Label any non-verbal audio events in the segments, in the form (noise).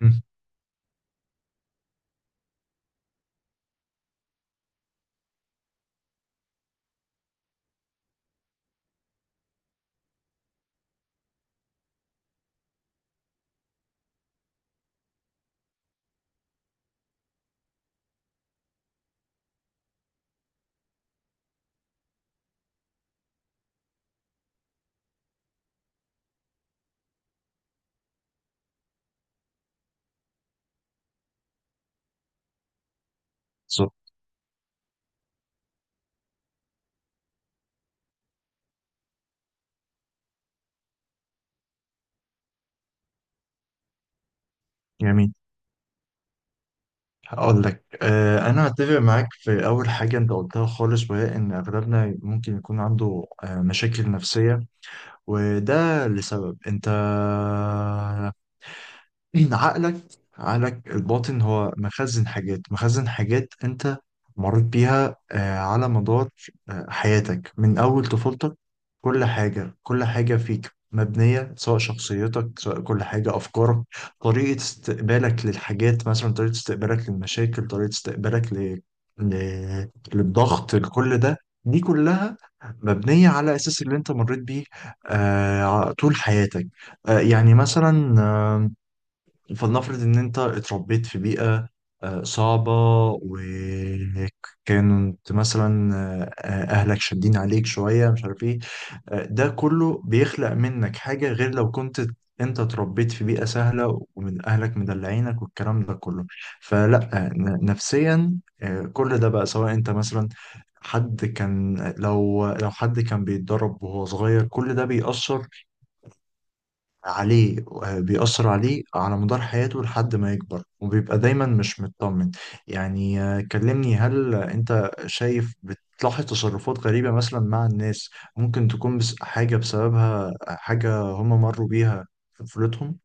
مم. صوت جميل. هقول لك انا اتفق معاك في اول حاجه انت قلتها خالص، وهي ان اغلبنا ممكن يكون عنده مشاكل نفسيه. وده لسبب انت (clears throat) إن عقلك الباطن هو مخزن حاجات أنت مريت بيها على مدار حياتك من أول طفولتك. كل حاجة كل حاجة فيك مبنية، سواء شخصيتك، سواء كل حاجة، أفكارك، طريقة استقبالك للحاجات مثلا، طريقة استقبالك للمشاكل، طريقة استقبالك ل... للضغط، لكل ده. دي كلها مبنية على أساس اللي أنت مريت بيه طول حياتك. يعني مثلا، فلنفرض ان انت اتربيت في بيئة صعبة، وكانت مثلا اهلك شادين عليك شوية، مش عارف ايه. ده كله بيخلق منك حاجة غير لو كنت انت اتربيت في بيئة سهلة ومن اهلك مدلعينك والكلام ده كله. فلا نفسيا، كل ده بقى سواء انت مثلا حد كان، لو حد كان بيتدرب وهو صغير، كل ده بيأثر عليه، بيأثر عليه على مدار حياته لحد ما يكبر، وبيبقى دايما مش مطمن. يعني كلمني، هل انت شايف بتلاحظ تصرفات غريبة مثلا مع الناس، ممكن تكون بس حاجة بسببها حاجة هم مروا بيها في طفولتهم؟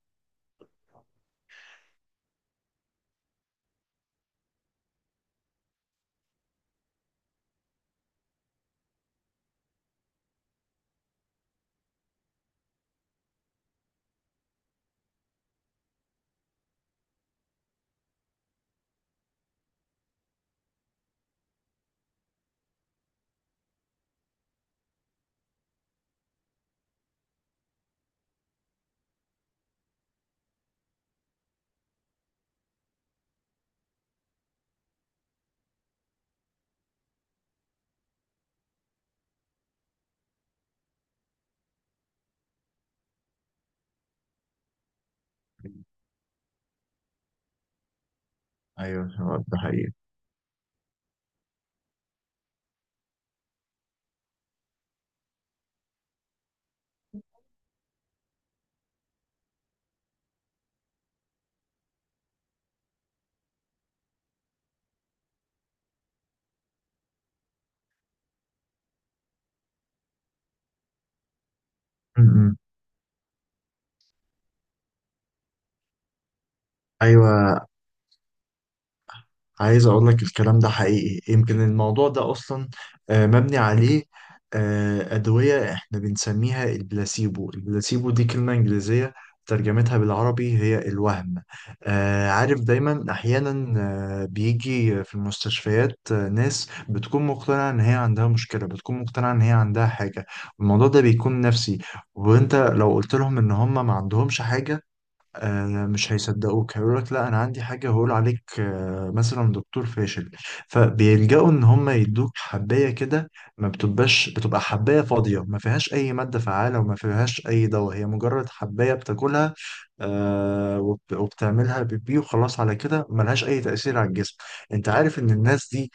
ايوه، هو ده حقيقي. م- م. ايوه، عايز اقول لك الكلام ده حقيقي. يمكن الموضوع ده اصلا مبني عليه. ادويه احنا بنسميها البلاسيبو. البلاسيبو دي كلمه انجليزيه، ترجمتها بالعربي هي الوهم. عارف، دايما احيانا بيجي في المستشفيات ناس بتكون مقتنعه ان هي عندها مشكله، بتكون مقتنعه ان هي عندها حاجه. الموضوع ده بيكون نفسي. وانت لو قلت لهم ان هم ما عندهمش حاجه مش هيصدقوك، هيقول لك لا انا عندي حاجه، هقول عليك مثلا دكتور فاشل. فبيلجأوا ان هم يدوك حبايه كده، ما بتبقاش، بتبقى حبايه فاضيه، ما فيهاش اي ماده فعاله وما فيهاش اي دواء، هي مجرد حبايه بتاكلها وبتعملها بيبي وخلاص. على كده ملهاش اي تاثير على الجسم. انت عارف ان الناس دي،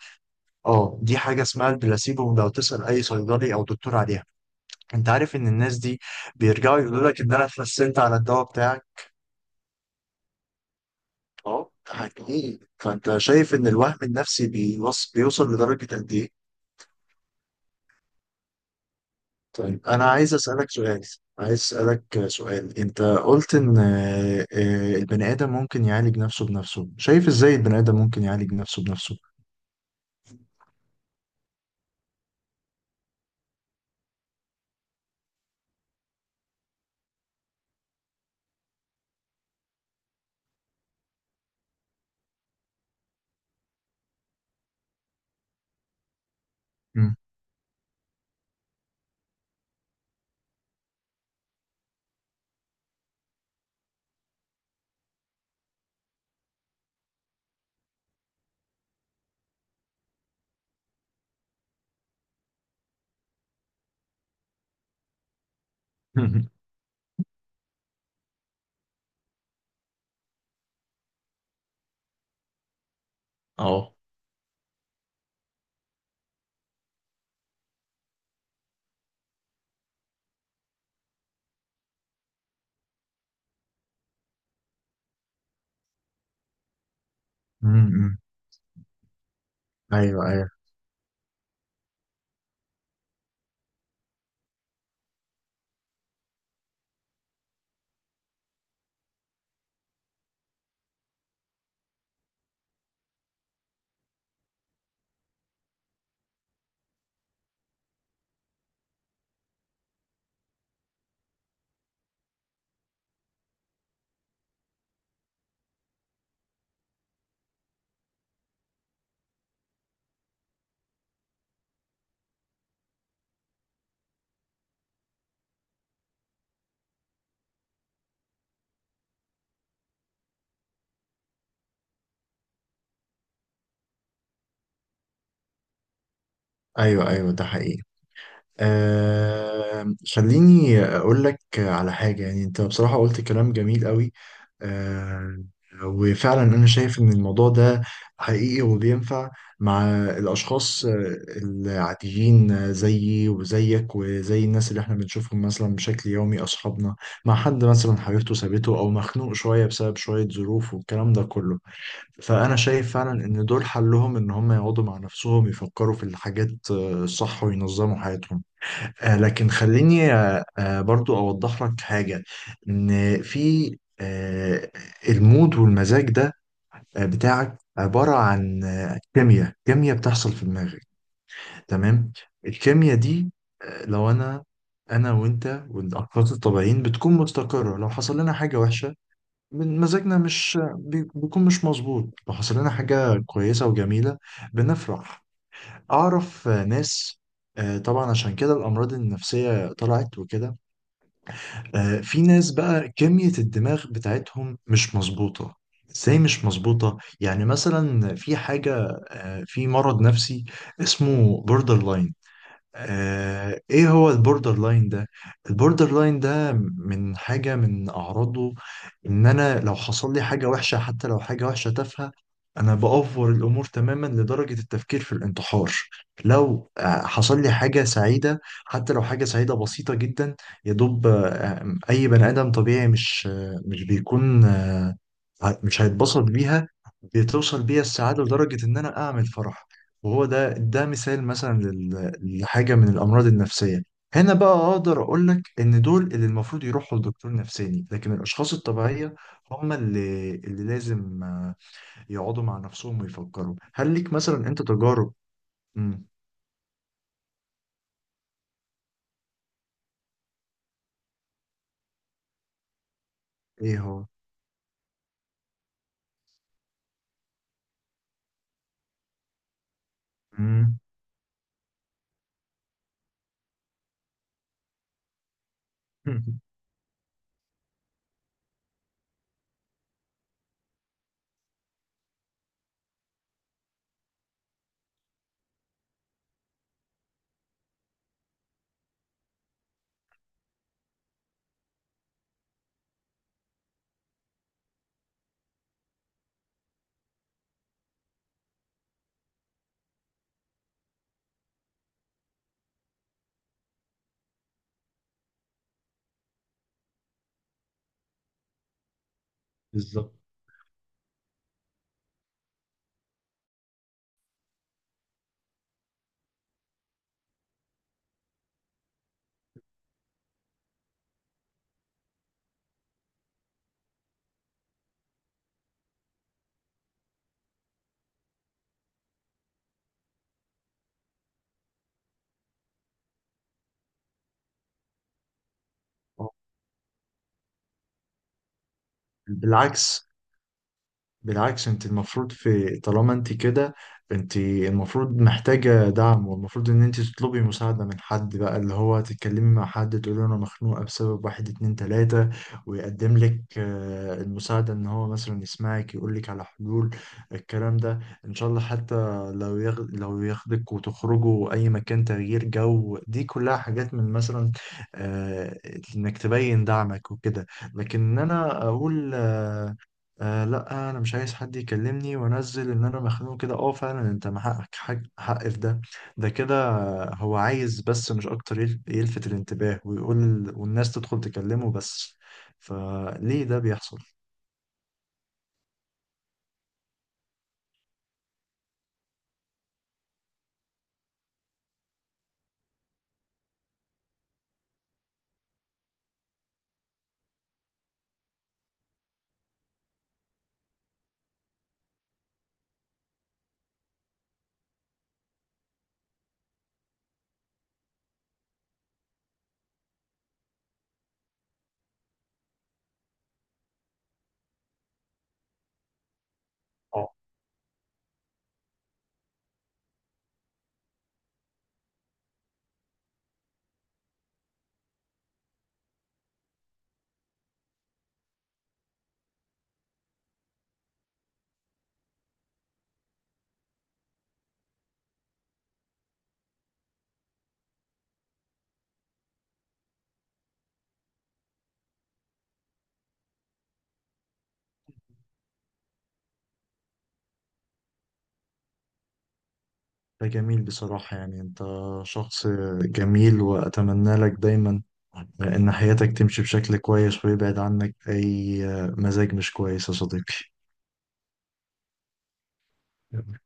اه دي حاجه اسمها البلاسيبو، لو تسال اي صيدلي او دكتور عليها. انت عارف ان الناس دي بيرجعوا يقولوا لك ان انا اتحسنت على الدواء بتاعك. اه، حقيقي. فانت شايف ان الوهم النفسي بيوصل لدرجة قد ايه؟ طيب، انا عايز اسألك سؤال. انت قلت ان البني ادم ممكن يعالج نفسه بنفسه، شايف ازاي البني ادم ممكن يعالج نفسه بنفسه؟ مم. (laughs) اه. مم، مم. ايوه، ايوه، ايوه، ايوه، ده حقيقي. خليني أقول لك على حاجة. يعني أنت بصراحة قلت كلام جميل قوي. آه وفعلا أنا شايف إن الموضوع ده حقيقي وبينفع مع الأشخاص العاديين، زيي وزيك وزي الناس اللي إحنا بنشوفهم مثلا بشكل يومي، أصحابنا، مع حد مثلا حبيبته سابته، أو مخنوق شوية بسبب شوية ظروف والكلام ده كله. فأنا شايف فعلا إن دول حلهم إن هم يقعدوا مع نفسهم يفكروا في الحاجات الصح، وينظموا حياتهم. لكن خليني برضو أوضح لك حاجة، إن في آه، المود والمزاج ده بتاعك عبارة عن كيمياء، كيمياء بتحصل في دماغك. تمام. الكيمياء دي لو أنا وأنت والأشخاص الطبيعيين بتكون مستقرة. لو حصل لنا حاجة وحشة، من مزاجنا مش بيكون مش مظبوط. لو حصل لنا حاجة كويسة وجميلة بنفرح. أعرف ناس. طبعا عشان كده الأمراض النفسية طلعت وكده. في ناس بقى كمية الدماغ بتاعتهم مش مظبوطة. ازاي مش مظبوطة؟ يعني مثلا في حاجة في مرض نفسي اسمه بوردر لاين. ايه هو البوردر لاين ده؟ البوردر لاين ده من حاجة من اعراضه ان انا لو حصل لي حاجة وحشة، حتى لو حاجة وحشة تافهة، انا بأفور الامور تماما لدرجة التفكير في الانتحار. لو حصل لي حاجة سعيدة، حتى لو حاجة سعيدة بسيطة جدا، يا دوب اي بني ادم طبيعي مش بيكون مش هيتبسط بيها، بتوصل بيها السعادة لدرجة إن أنا أعمل فرح. وهو ده مثال مثلا لحاجة من الأمراض النفسية. هنا بقى أقدر أقول لك إن دول اللي المفروض يروحوا لدكتور نفساني. لكن الأشخاص الطبيعية هم اللي لازم يقعدوا مع نفسهم ويفكروا هل ليك مثلا أنت تجارب. مم. إيه هو؟ مم. (laughs) بالظبط. آه. بالعكس، بالعكس انت المفروض في، طالما انت كده، انت المفروض محتاجة دعم، والمفروض ان انت تطلبي مساعدة من حد، بقى اللي هو تتكلمي مع حد تقولي له انا مخنوقة بسبب واحد اتنين تلاتة. ويقدم لك المساعدة، ان هو مثلا يسمعك، يقول لك على حلول، الكلام ده ان شاء الله. حتى لو ياخدك وتخرجوا اي مكان، تغيير جو، دي كلها حاجات من مثلا آه، انك تبين دعمك وكده. لكن إن انا اقول آه لا انا مش عايز حد يكلمني، وانزل ان انا مخنوق كده. اه، فعلا انت مع حقك، حق في ده. ده كده، هو عايز بس مش اكتر يلفت الانتباه، ويقول والناس تدخل تكلمه بس. فليه ده بيحصل؟ اه، ده جميل بصراحة. يعني انت شخص جميل، واتمنى لك دايما ان حياتك تمشي بشكل كويس، ويبعد عنك اي مزاج مش كويس يا صديقي.